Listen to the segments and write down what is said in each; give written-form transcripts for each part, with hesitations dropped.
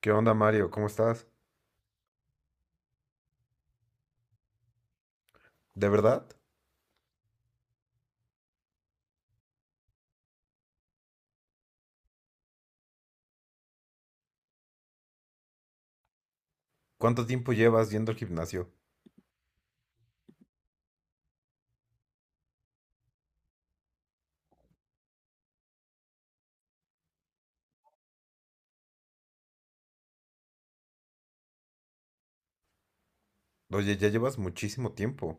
¿Qué onda, Mario? ¿Cómo estás? ¿De verdad? ¿Cuánto tiempo llevas yendo al gimnasio? Oye, ya llevas muchísimo tiempo.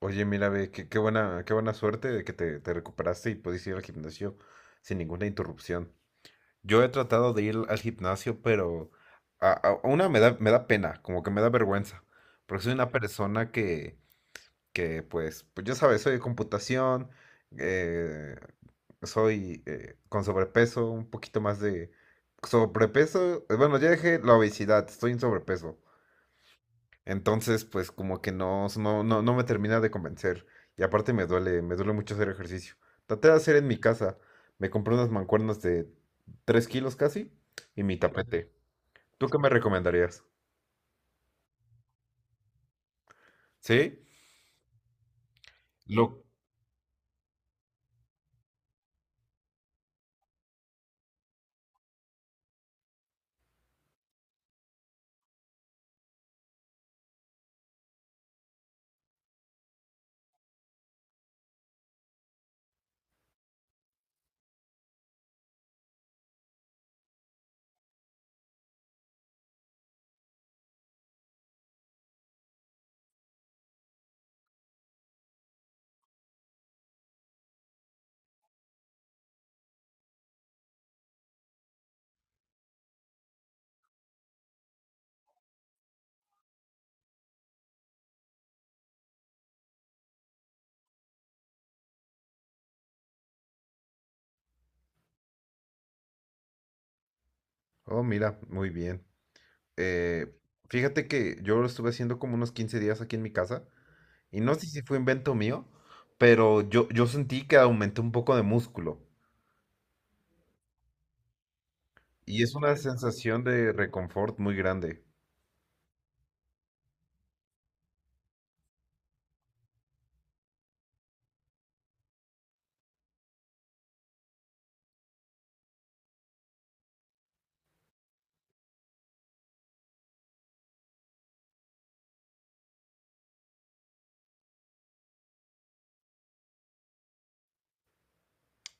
Oye, mira, ve, qué, qué buena suerte de que te recuperaste y pudiste ir al gimnasio sin ninguna interrupción. Yo he tratado de ir al gimnasio, pero a una me da pena, como que me da vergüenza, porque soy una persona que ya sabes, soy de computación, eh, soy con sobrepeso, un poquito más de sobrepeso, bueno, ya dejé la obesidad, estoy en sobrepeso. Entonces, pues como que no me termina de convencer. Y aparte me duele mucho hacer ejercicio. Traté de hacer en mi casa. Me compré unas mancuernas de 3 kilos casi y mi tapete. ¿Tú qué me recomendarías? ¿Sí? Lo... Oh, mira, muy bien. Eh, Fíjate que yo lo estuve haciendo como unos 15 días aquí en mi casa y no sé si fue invento mío, pero yo sentí que aumenté un poco de músculo y es una sensación de reconfort muy grande.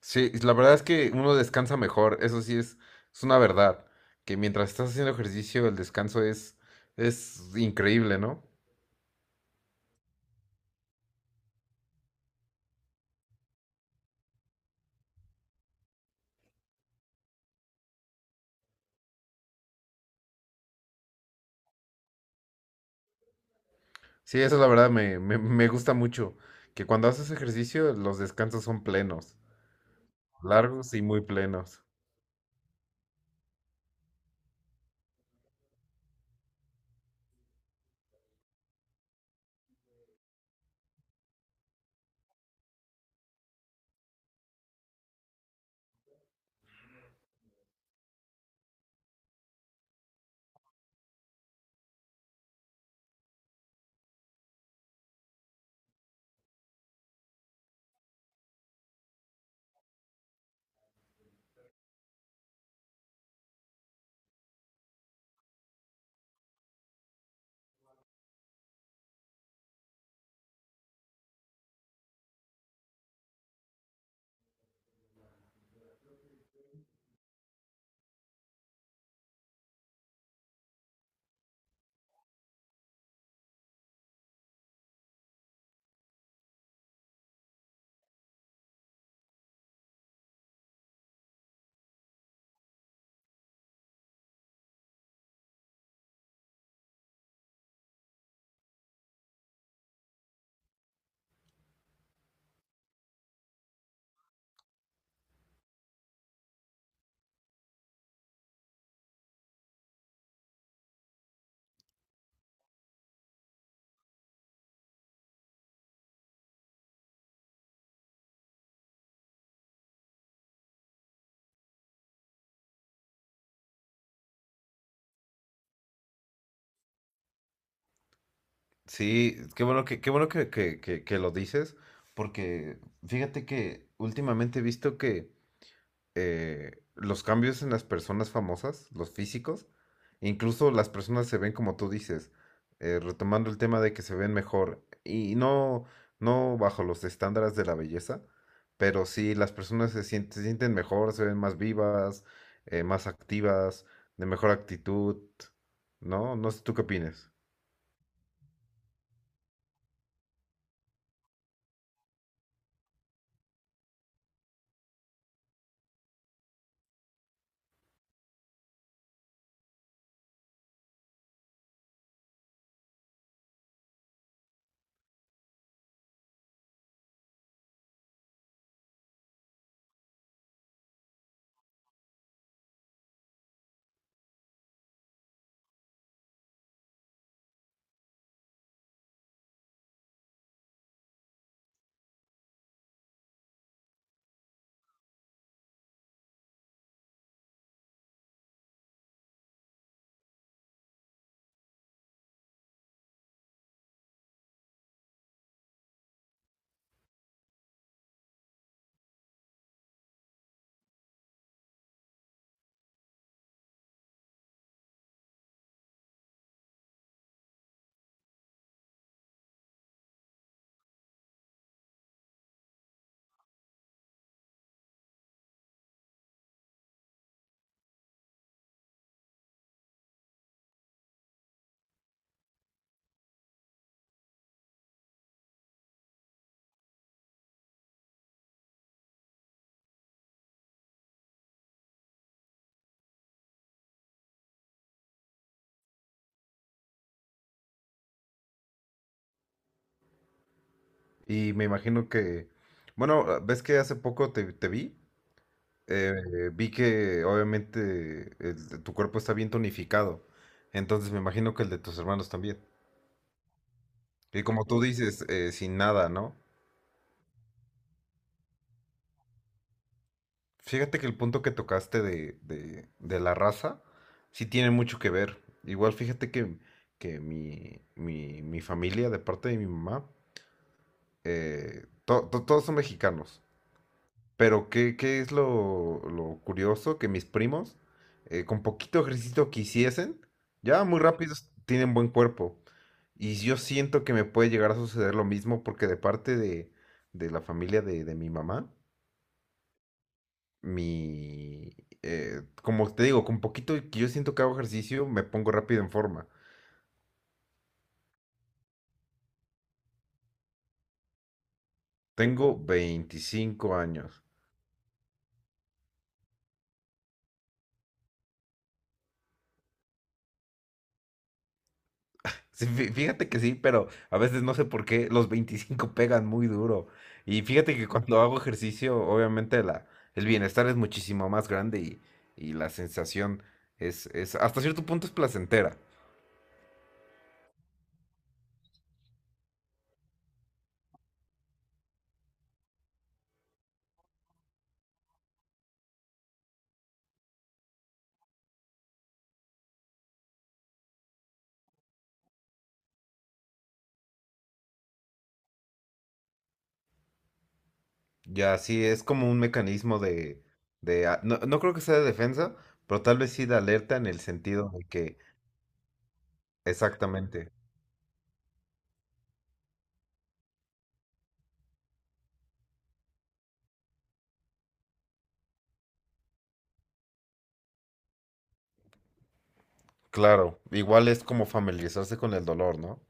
Sí, la verdad es que uno descansa mejor, eso sí es una verdad, que mientras estás haciendo ejercicio el descanso es increíble, ¿no? Sí, eso la verdad me gusta mucho, que cuando haces ejercicio los descansos son plenos, largos y muy plenos. Sí, qué bueno que lo dices, porque fíjate que últimamente he visto que los cambios en las personas famosas, los físicos, incluso las personas se ven como tú dices, retomando el tema de que se ven mejor, y no, no bajo los estándares de la belleza, pero sí las personas se sienten mejor, se ven más vivas, más activas, de mejor actitud, ¿no? No sé tú qué opinas. Y me imagino que, bueno, ves que hace poco te, te vi, eh, vi que obviamente el de tu cuerpo está bien tonificado, entonces me imagino que el de tus hermanos también. Y como tú dices, sin nada, ¿no? Fíjate que el punto que tocaste de, de la raza sí tiene mucho que ver. Igual fíjate que mi, mi familia, de parte de mi mamá, todos son mexicanos. Pero ¿qué, qué es lo curioso? Que mis primos, con poquito ejercicio que hiciesen, ya muy rápidos tienen buen cuerpo. Y yo siento que me puede llegar a suceder lo mismo porque de parte de la familia de mi mamá, mi... como te digo, con poquito que yo siento que hago ejercicio, me pongo rápido en forma. Tengo 25 años. Sí, fíjate que sí, pero a veces no sé por qué los 25 pegan muy duro. Y fíjate que cuando hago ejercicio, obviamente la, el bienestar es muchísimo más grande y la sensación hasta cierto punto es placentera. Ya sí, es como un mecanismo de, no, no creo que sea de defensa, pero tal vez sí de alerta en el sentido de que, exactamente, claro, igual es como familiarizarse con el dolor, ¿no?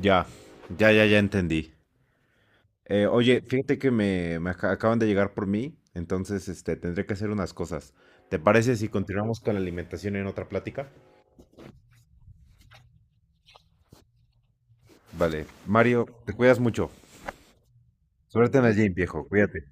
Ya, ya, entendí. Oye, fíjate que me, acaban de llegar por mí, entonces este, tendré que hacer unas cosas. ¿Te parece si continuamos con la alimentación en otra plática? Vale, Mario, te cuidas mucho. Suerte en el gym, viejo, cuídate.